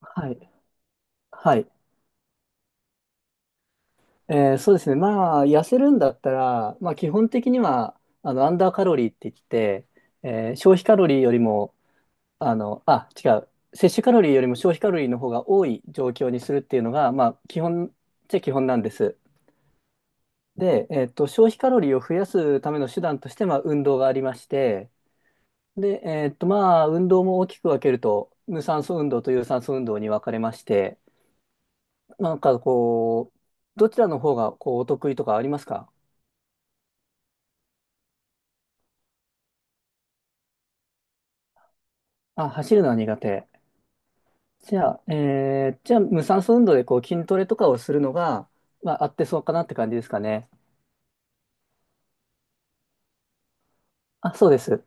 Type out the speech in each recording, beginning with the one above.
はい。はい。そうですね。まあ、痩せるんだったら、まあ、基本的には、アンダーカロリーって言って、消費カロリーよりも、あ、違う。摂取カロリーよりも消費カロリーの方が多い状況にするっていうのが、まあ、基本っちゃ基本なんです。で、消費カロリーを増やすための手段として、まあ、運動がありまして、で、まあ、運動も大きく分けると、無酸素運動と有酸素運動に分かれまして、なんかこう、どちらの方がこうお得意とかありますか？あ、走るのは苦手。じゃあ、無酸素運動でこう筋トレとかをするのが、まあ、合ってそうかなって感じですかね。あ、そうです。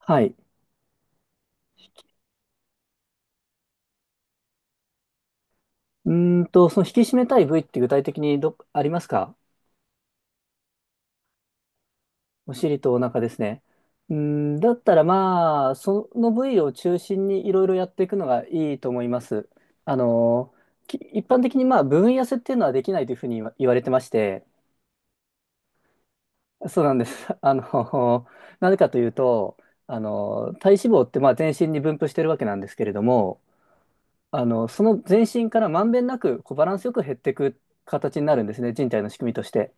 はい。その引き締めたい部位って具体的にありますか？お尻とお腹ですね。うーん、だったらまあ、その部位を中心にいろいろやっていくのがいいと思います。あの、一般的にまあ、部分痩せっていうのはできないというふうに言われてまして、そうなんです。あの、なぜかというと、体脂肪ってまあ全身に分布してるわけなんですけれども、その全身からまんべんなくこうバランスよく減っていく形になるんですね、人体の仕組みとして。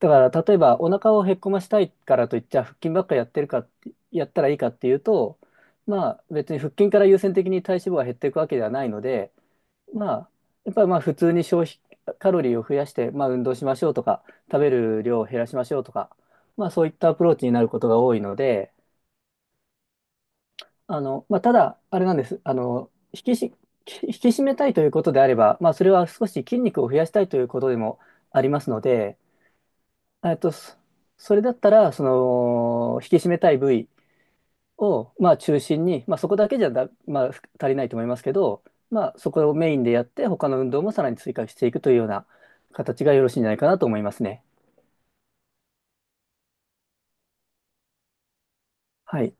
だから、例えばお腹をへっこましたいからといって、じゃあ腹筋ばっかやってるかって、やったらいいかっていうと、まあ別に腹筋から優先的に体脂肪が減っていくわけではないので、まあ、やっぱりまあ普通に消費カロリーを増やして、まあ、運動しましょうとか、食べる量を減らしましょうとか、まあ、そういったアプローチになることが多いので、ただ、あれなんです、引き締めたいということであれば、まあ、それは少し筋肉を増やしたいということでもありますので、えっと、そそれだったら、その引き締めたい部位を、まあ、中心に、まあ、そこだけじゃだ、まあ、足りないと思いますけど、まあ、そこをメインでやって、他の運動もさらに追加していくというような形がよろしいんじゃないかなと思いますね。はい。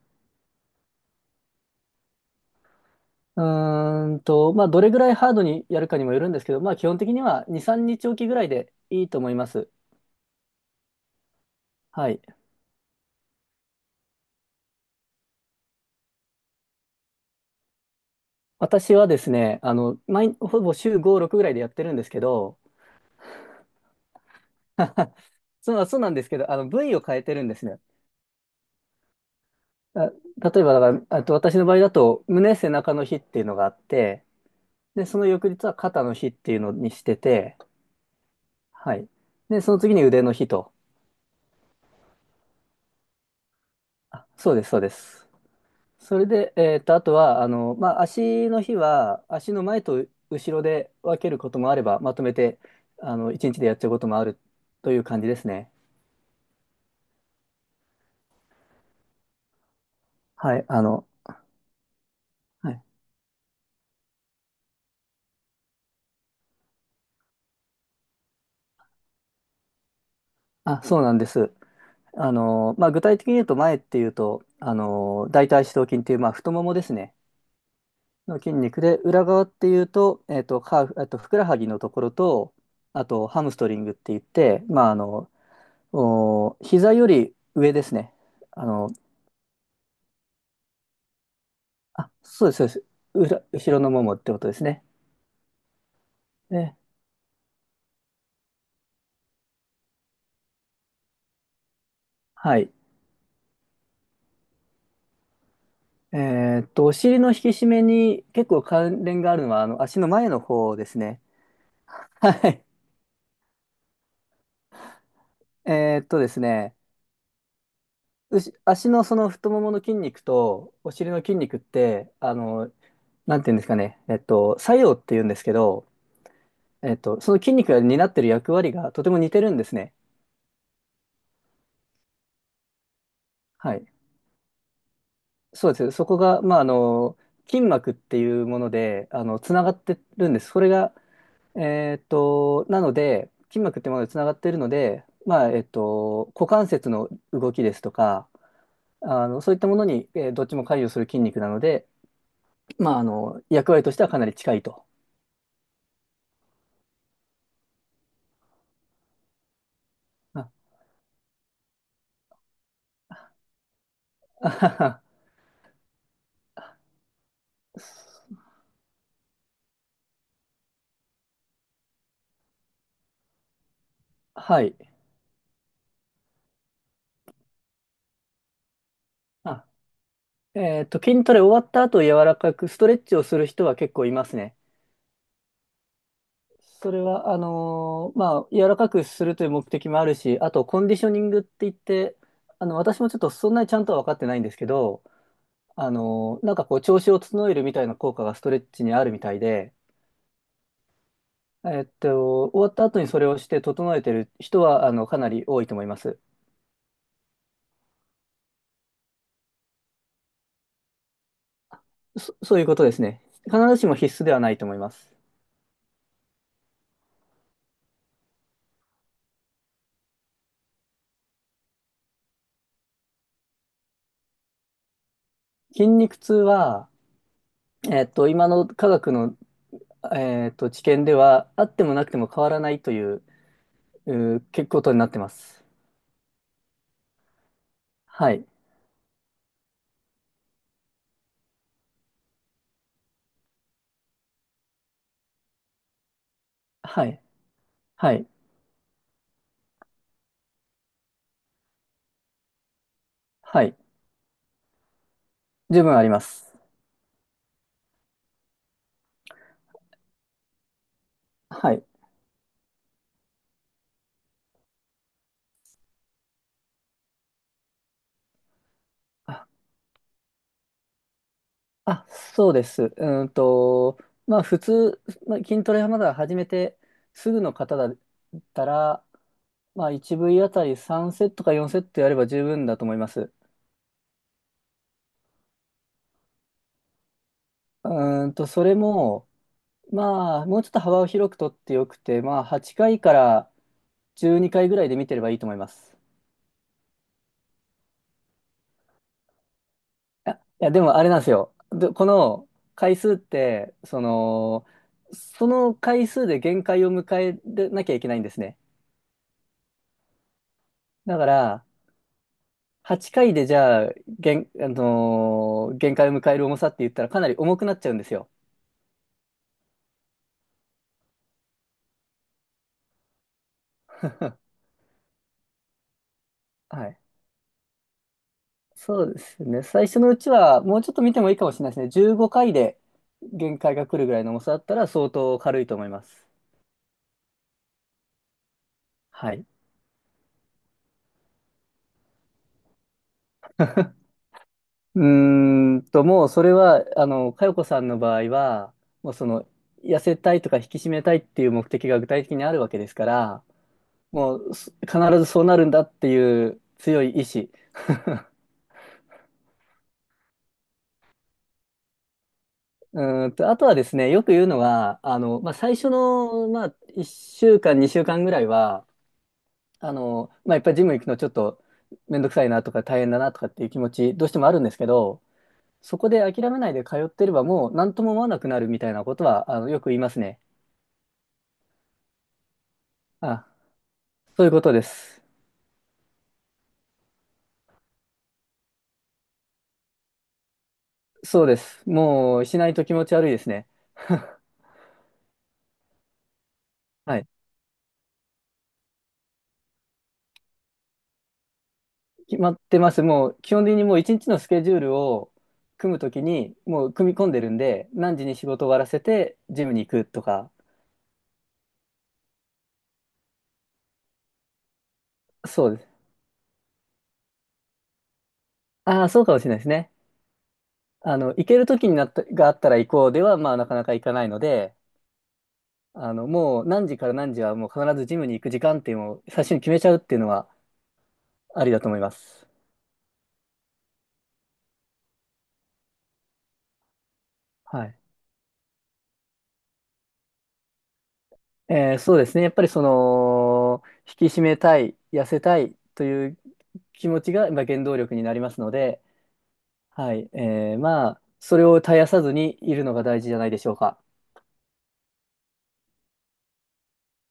まあ、どれぐらいハードにやるかにもよるんですけど、まあ、基本的には2、3日おきぐらいでいいと思います。はい。私はですね、ほぼ週5、6ぐらいでやってるんですけど、そうそうなんですけど、部位を変えてるんですね。あ例えばだから、あと私の場合だと、胸、背中の日っていうのがあって、で、その翌日は肩の日っていうのにしてて、はい。で、その次に腕の日と。あ、そうです、そうです。それで、あとは、まあ、足の日は、足の前と後ろで分けることもあれば、まとめて、一日でやっちゃうこともあるという感じですね。はい、はい。あ、そうなんです。まあ、具体的に言うと、前っていうと、大腿四頭筋っていう、まあ、太ももですね。の筋肉で、裏側っていうと、えっと、ハーフ、えっと、ふくらはぎのところと、あと、ハムストリングって言って、まあ、お膝より上ですね。あの、あ、そうです、そうです。後ろのももってことですね。ね、はい。お尻の引き締めに結構関連があるのは、足の前の方ですね。はい。ですね、うし、足のその太ももの筋肉とお尻の筋肉って、なんていうんですかね、作用っていうんですけど、その筋肉が担っている役割がとても似てるんですね。はい。そうです。そこが、まあ、筋膜っていうもので、つながってるんです。それが、なので、筋膜ってものでつながってるので、まあ、股関節の動きですとか、そういったものに、どっちも関与する筋肉なので、まあ、役割としてはかなり近いと。ああはははい。あ、筋トレ終わった後、柔らかくストレッチをする人は結構いますね。それは、まあ、柔らかくするという目的もあるし、あと、コンディショニングって言って、私もちょっとそんなにちゃんとは分かってないんですけど、なんかこう、調子を整えるみたいな効果がストレッチにあるみたいで、終わった後にそれをして整えてる人は、かなり多いと思います。そういうことですね。必ずしも必須ではないと思います。筋肉痛は、今の科学の、知見では、あってもなくても変わらないという、結構ことになってます。はい。はい。はい。はい。十分あります。はい。あ、あそうです。まあ普通、まあ、筋トレはまだ始めてすぐの方だったら、まあ 1V あたり3セットか4セットやれば十分だと思います。それも、まあもうちょっと幅を広くとってよくて、まあ8回から12回ぐらいで見てればいいと思います。いや、いやでもあれなんですよ。で、この回数って、その回数で限界を迎えなきゃいけないんですね。だから、8回でじゃあ、限、あのー限界を迎える重さって言ったらかなり重くなっちゃうんですよ。はい。そうですね。最初のうちは、もうちょっと見てもいいかもしれないですね。15回で限界が来るぐらいの重さだったら相当軽いと思います。はい。うもうそれは、佳代子さんの場合は、もうその、痩せたいとか引き締めたいっていう目的が具体的にあるわけですから、もう必ずそうなるんだっていう強い意志。あとはですね、よく言うのは、まあ、最初の、まあ、1週間、2週間ぐらいは、まあ、やっぱりジム行くのちょっとめんどくさいなとか大変だなとかっていう気持ち、どうしてもあるんですけど、そこで諦めないで通ってればもう何とも思わなくなるみたいなことは、よく言いますね。あ、そういうことです。そうです。もうしないと気持ち悪いですね。はい。決まってます。もう基本的にもう一日のスケジュールを組むときにもう組み込んでるんで、何時に仕事終わらせてジムに行くとか。そうです。ああ、そうかもしれないですね。行けるときになったがあったら行こうでは、まあなかなか行かないので、もう何時から何時はもう必ずジムに行く時間っていうのを最初に決めちゃうっていうのはありだと思います。はい。そうですね。やっぱりその、引き締めたい、痩せたいという気持ちが、まあ、原動力になりますので、はい。まあ、それを絶やさずにいるのが大事じゃないでしょうか。